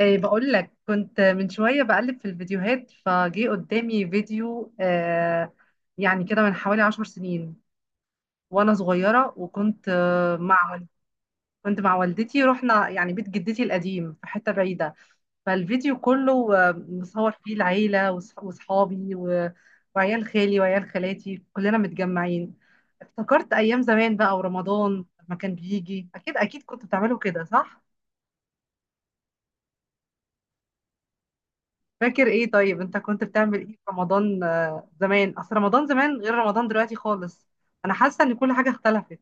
ايه، بقول لك كنت من شوية بقلب في الفيديوهات فجي قدامي فيديو يعني كده من حوالي 10 سنين وانا صغيرة، وكنت كنت مع والدتي، رحنا يعني بيت جدتي القديم في حتة بعيدة. فالفيديو كله مصور فيه العيلة وصحابي وعيال خالي وعيال خالاتي كلنا متجمعين. افتكرت ايام زمان بقى، ورمضان لما كان بيجي اكيد كنتوا بتعملوا كده صح؟ فاكر ايه طيب؟ انت كنت بتعمل ايه في رمضان زمان؟ اصل رمضان زمان غير رمضان دلوقتي خالص. انا حاسه ان كل حاجه اختلفت.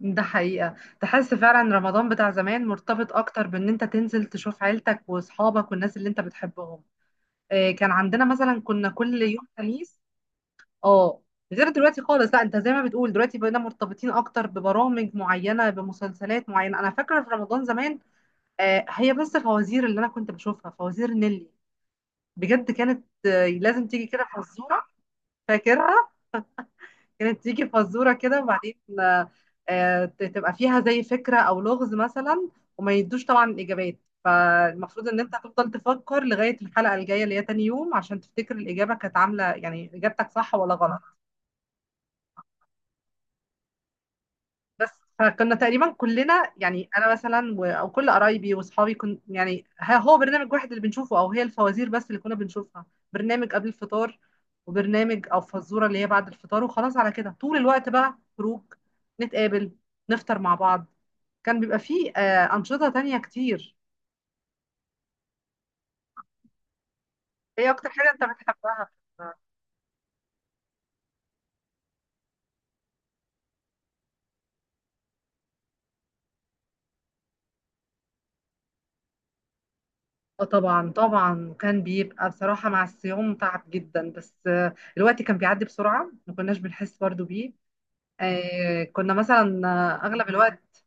ده حقيقه، تحس فعلا رمضان بتاع زمان مرتبط اكتر بان انت تنزل تشوف عيلتك واصحابك والناس اللي انت بتحبهم. كان عندنا مثلا كنا كل يوم خميس. اه، غير دلوقتي خالص. لا، انت زي ما بتقول دلوقتي بقينا مرتبطين اكتر ببرامج معينه، بمسلسلات معينه. انا فاكره في رمضان زمان. هي بس الفوازير اللي انا كنت بشوفها فوازير نيلي. بجد كانت، لازم تيجي كده فزوره. فاكرها. كانت تيجي فزوره كده، وبعدين تبقى فيها زي فكره او لغز مثلا. وما يدوش طبعا الاجابات. فالمفروض ان انت هتفضل تفكر لغايه الحلقه الجايه اللي هي تاني يوم عشان تفتكر الاجابه كانت عامله، يعني اجابتك صح ولا غلط. بس. فكنا تقريبا كلنا، يعني انا مثلا او كل قرايبي واصحابي كن، يعني هو برنامج واحد اللي بنشوفه، او هي الفوازير بس اللي كنا بنشوفها. برنامج قبل الفطار، وبرنامج او فزوره اللي هي بعد الفطار، وخلاص على كده، طول الوقت بقى خروج. نتقابل. نفطر مع بعض. كان بيبقى فيه انشطه تانية كتير. ايه اكتر حاجه انت بتحبها؟ اه طبعا طبعا، كان بيبقى بصراحة مع الصيام تعب جدا، بس الوقت كان بيعدي بسرعة ما كناش بنحس برضو بيه. كنا مثلا اغلب الوقت.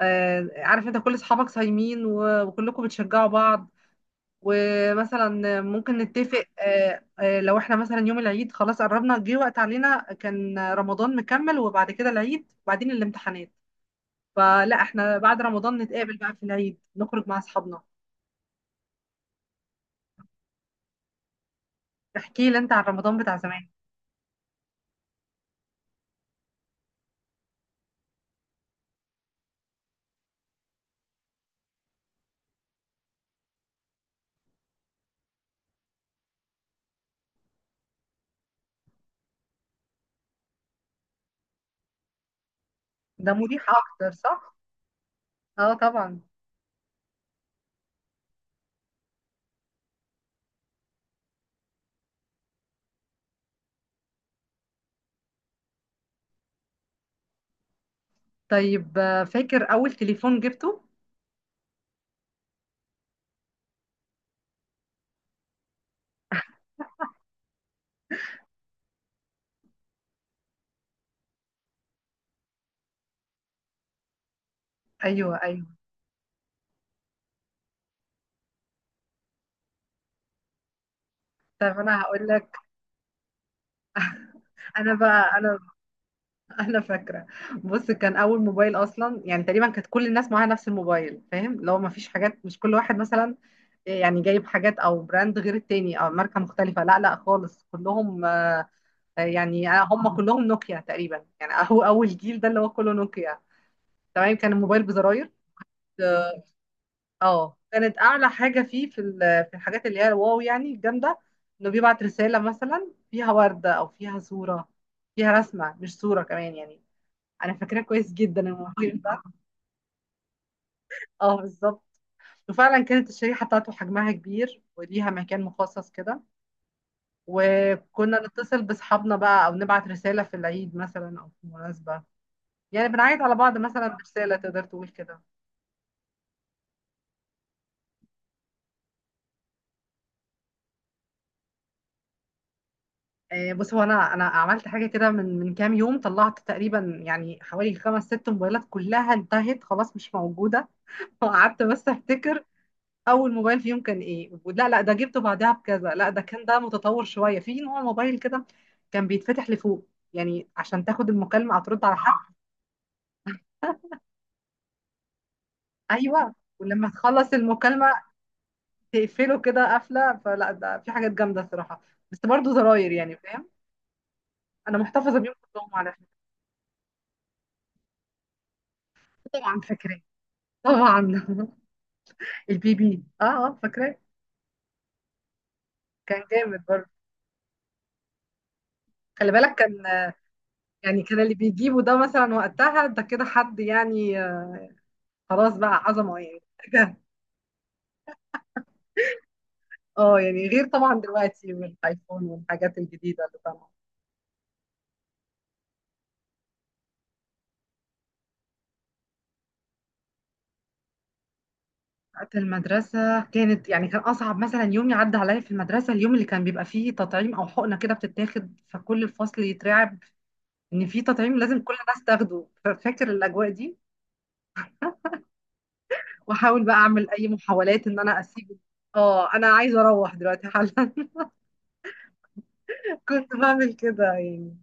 عارف انت كل اصحابك صايمين وكلكم بتشجعوا بعض. ومثلا ممكن نتفق، لو احنا مثلا يوم العيد خلاص قربنا، جه وقت علينا كان رمضان مكمل وبعد كده العيد وبعدين الامتحانات. فلا، احنا بعد رمضان نتقابل بقى في العيد، نخرج مع اصحابنا. احكي لي انت عن رمضان بتاع زمان. ده مريح اكتر صح؟ اه طبعا. طيب فاكر اول تليفون جبته؟ ايوه، ايوه. طب انا هقول لك. انا بقى، انا انا فاكره. بص، كان اول موبايل اصلا يعني تقريبا كانت كل الناس معاها نفس الموبايل، فاهم؟ لو ما فيش حاجات، مش كل واحد مثلا يعني جايب حاجات او براند غير التاني او ماركه مختلفه. لا لا، خالص كلهم يعني هم كلهم نوكيا تقريبا، يعني هو اول جيل ده اللي هو كله نوكيا. تمام. كان الموبايل بزراير. اه. كانت اعلى حاجه فيه في في الحاجات اللي هي الواو، يعني الجامده. انه بيبعت رساله مثلا فيها ورده، او فيها صوره، فيها رسمه مش صوره كمان يعني. انا فاكراه كويس جدا الموضوع ده. اه، بالظبط. وفعلا كانت الشريحه بتاعته حجمها كبير، وليها مكان مخصص كده. وكنا نتصل باصحابنا بقى، او نبعت رساله في العيد مثلا او في مناسبه. يعني بنعيد على بعض مثلا برساله، تقدر تقول كده. بص، هو انا عملت حاجه كده من كام يوم، طلعت تقريبا يعني حوالي خمس ست موبايلات كلها انتهت خلاص مش موجوده. وقعدت بس افتكر اول موبايل فيهم كان ايه. لا لا، ده جبته بعدها بكذا. لا، ده كان، ده متطور شويه في نوع موبايل كده. كان بيتفتح لفوق يعني عشان تاخد المكالمه او ترد على حد. ايوه، ولما تخلص المكالمه تقفله كده قفله. فلا، ده في حاجات جامده صراحه. بس برضه زراير يعني، فاهم. انا محتفظه بيهم كلهم على فكره. طبعا فاكراه. طبعا. البي بي، اه اه فاكراه. كان جامد برضه. خلي بالك، كان يعني كان اللي بيجيبه ده مثلا وقتها ده كده حد يعني خلاص بقى عظمه يعني. اه يعني، غير طبعا دلوقتي، والايفون والحاجات الجديده اللي طبعا. بتاعت المدرسة كانت يعني، كان أصعب مثلا يوم يعدي عليا في المدرسة اليوم اللي كان بيبقى فيه تطعيم أو حقنة كده بتتاخد. فكل الفصل يترعب إن في تطعيم لازم كل الناس تاخده. ففاكر الأجواء دي، وأحاول بقى أعمل أي محاولات إن أنا أسيب. أنا عايزة أروح دلوقتي حالا. كنت بعمل كده يعني.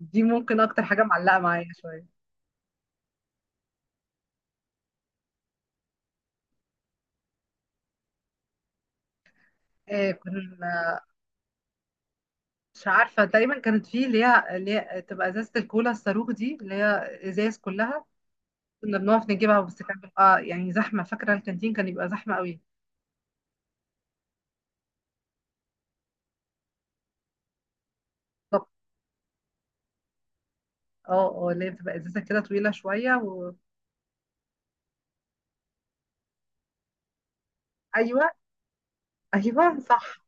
دي ممكن أكتر حاجة معلقة معايا شوية. كنا، مش عارفة، تقريبا كانت في اللي هي تبقى ازازة الكولا الصاروخ دي اللي هي ازاز كلها. كنا بنقف نجيبها بس كان بيبقى يعني زحمة. فاكرة الكانتين كان يبقى زحمة قوي. طب. اه. اه، اللي هي بتبقى ازازة كده طويلة شوية و. ايوه ايوه صح.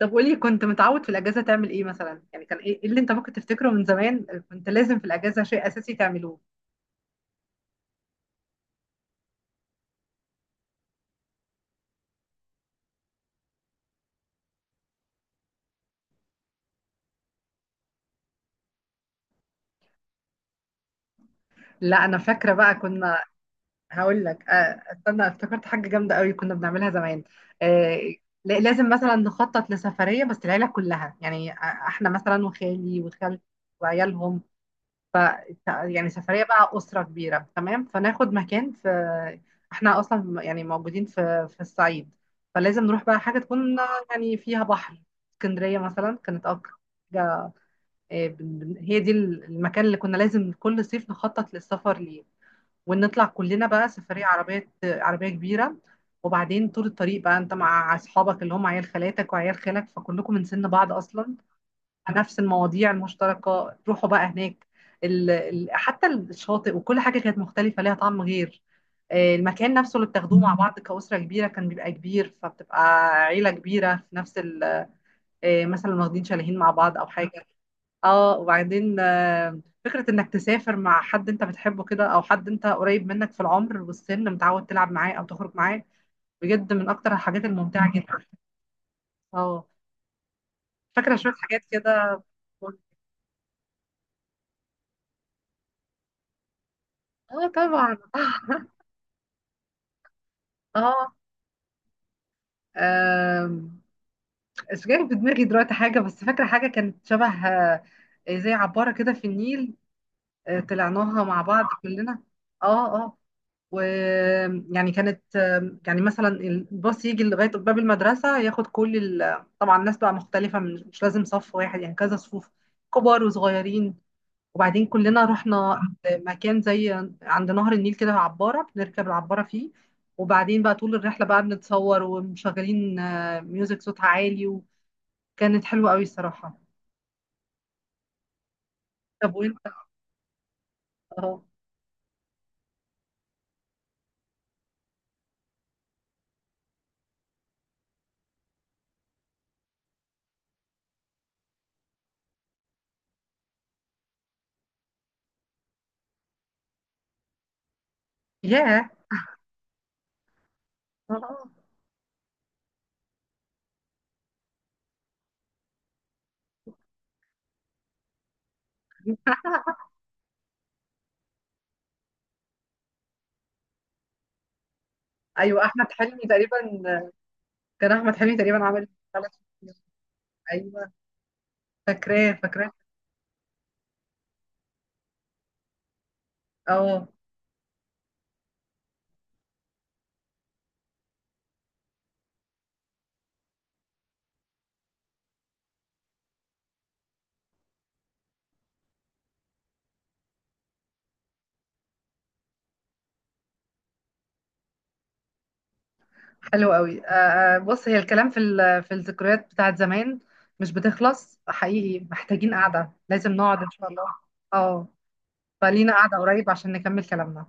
طب قولي، كنت متعود في الاجازة تعمل ايه مثلا؟ يعني كان ايه، اللي انت ممكن تفتكره من زمان كنت لازم في الاجازة شيء اساسي تعملوه؟ لا، انا فاكرة بقى كنا. هقول لك استنى، افتكرت حاجة جامدة قوي كنا بنعملها زمان. آه، لازم مثلا نخطط لسفرية بس العيلة كلها يعني احنا مثلا، وخالي وخالتي وعيالهم. ف يعني سفرية بقى أسرة كبيرة، تمام. فناخد مكان في، احنا أصلا يعني موجودين في الصعيد. فلازم نروح بقى حاجة تكون يعني فيها بحر. اسكندرية مثلا كانت أكتر حاجة. هي دي المكان اللي كنا لازم كل صيف نخطط للسفر ليه. ونطلع كلنا بقى سفرية عربية عربية كبيرة. وبعدين طول الطريق بقى انت مع اصحابك اللي هم عيال خالاتك وعيال خالك، فكلكم من سن بعض اصلا. نفس المواضيع المشتركة، تروحوا بقى هناك. حتى الشاطئ وكل حاجة كانت مختلفة ليها طعم غير، المكان نفسه اللي بتاخدوه مع بعض كأسرة كبيرة كان بيبقى كبير، فبتبقى عيلة كبيرة في نفس مثلا واخدين شاليهين مع بعض او حاجة. اه، وبعدين فكرة انك تسافر مع حد انت بتحبه كده، او حد انت قريب منك في العمر والسن متعود تلعب معاه او تخرج معاه، بجد من اكتر الحاجات الممتعة جدا. اه. فاكرة شوية حاجات كده. اه طبعا. اه، آم، مش جاي في دماغي دلوقتي حاجة، بس فاكرة حاجة كانت شبه زي عبارة كده في النيل. طلعناها مع بعض كلنا. اه اه. ويعني كانت يعني مثلا الباص يجي لغاية باب المدرسة، ياخد كل طبعا ناس بقى مختلفة، مش لازم صف واحد، يعني كذا صفوف، كبار وصغيرين. وبعدين كلنا رحنا مكان زي عند نهر النيل، كده عبارة بنركب العبارة فيه. وبعدين بقى طول الرحلة بقى بنتصور، ومشغلين ميوزك صوتها عالي. وكانت حلوة قوي الصراحة. طب وانت؟ اه. ياه. آه. ايوه، احمد حلمي تقريبا. كان احمد حلمي تقريبا عمل ثلاث. ايوه، فاكراه فاكراه. اه، حلو قوي. بص، هي الكلام في في الذكريات بتاعت زمان مش بتخلص حقيقي، محتاجين قعدة لازم نقعد ان شاء الله. اه. فلينا قعدة قريب عشان نكمل كلامنا.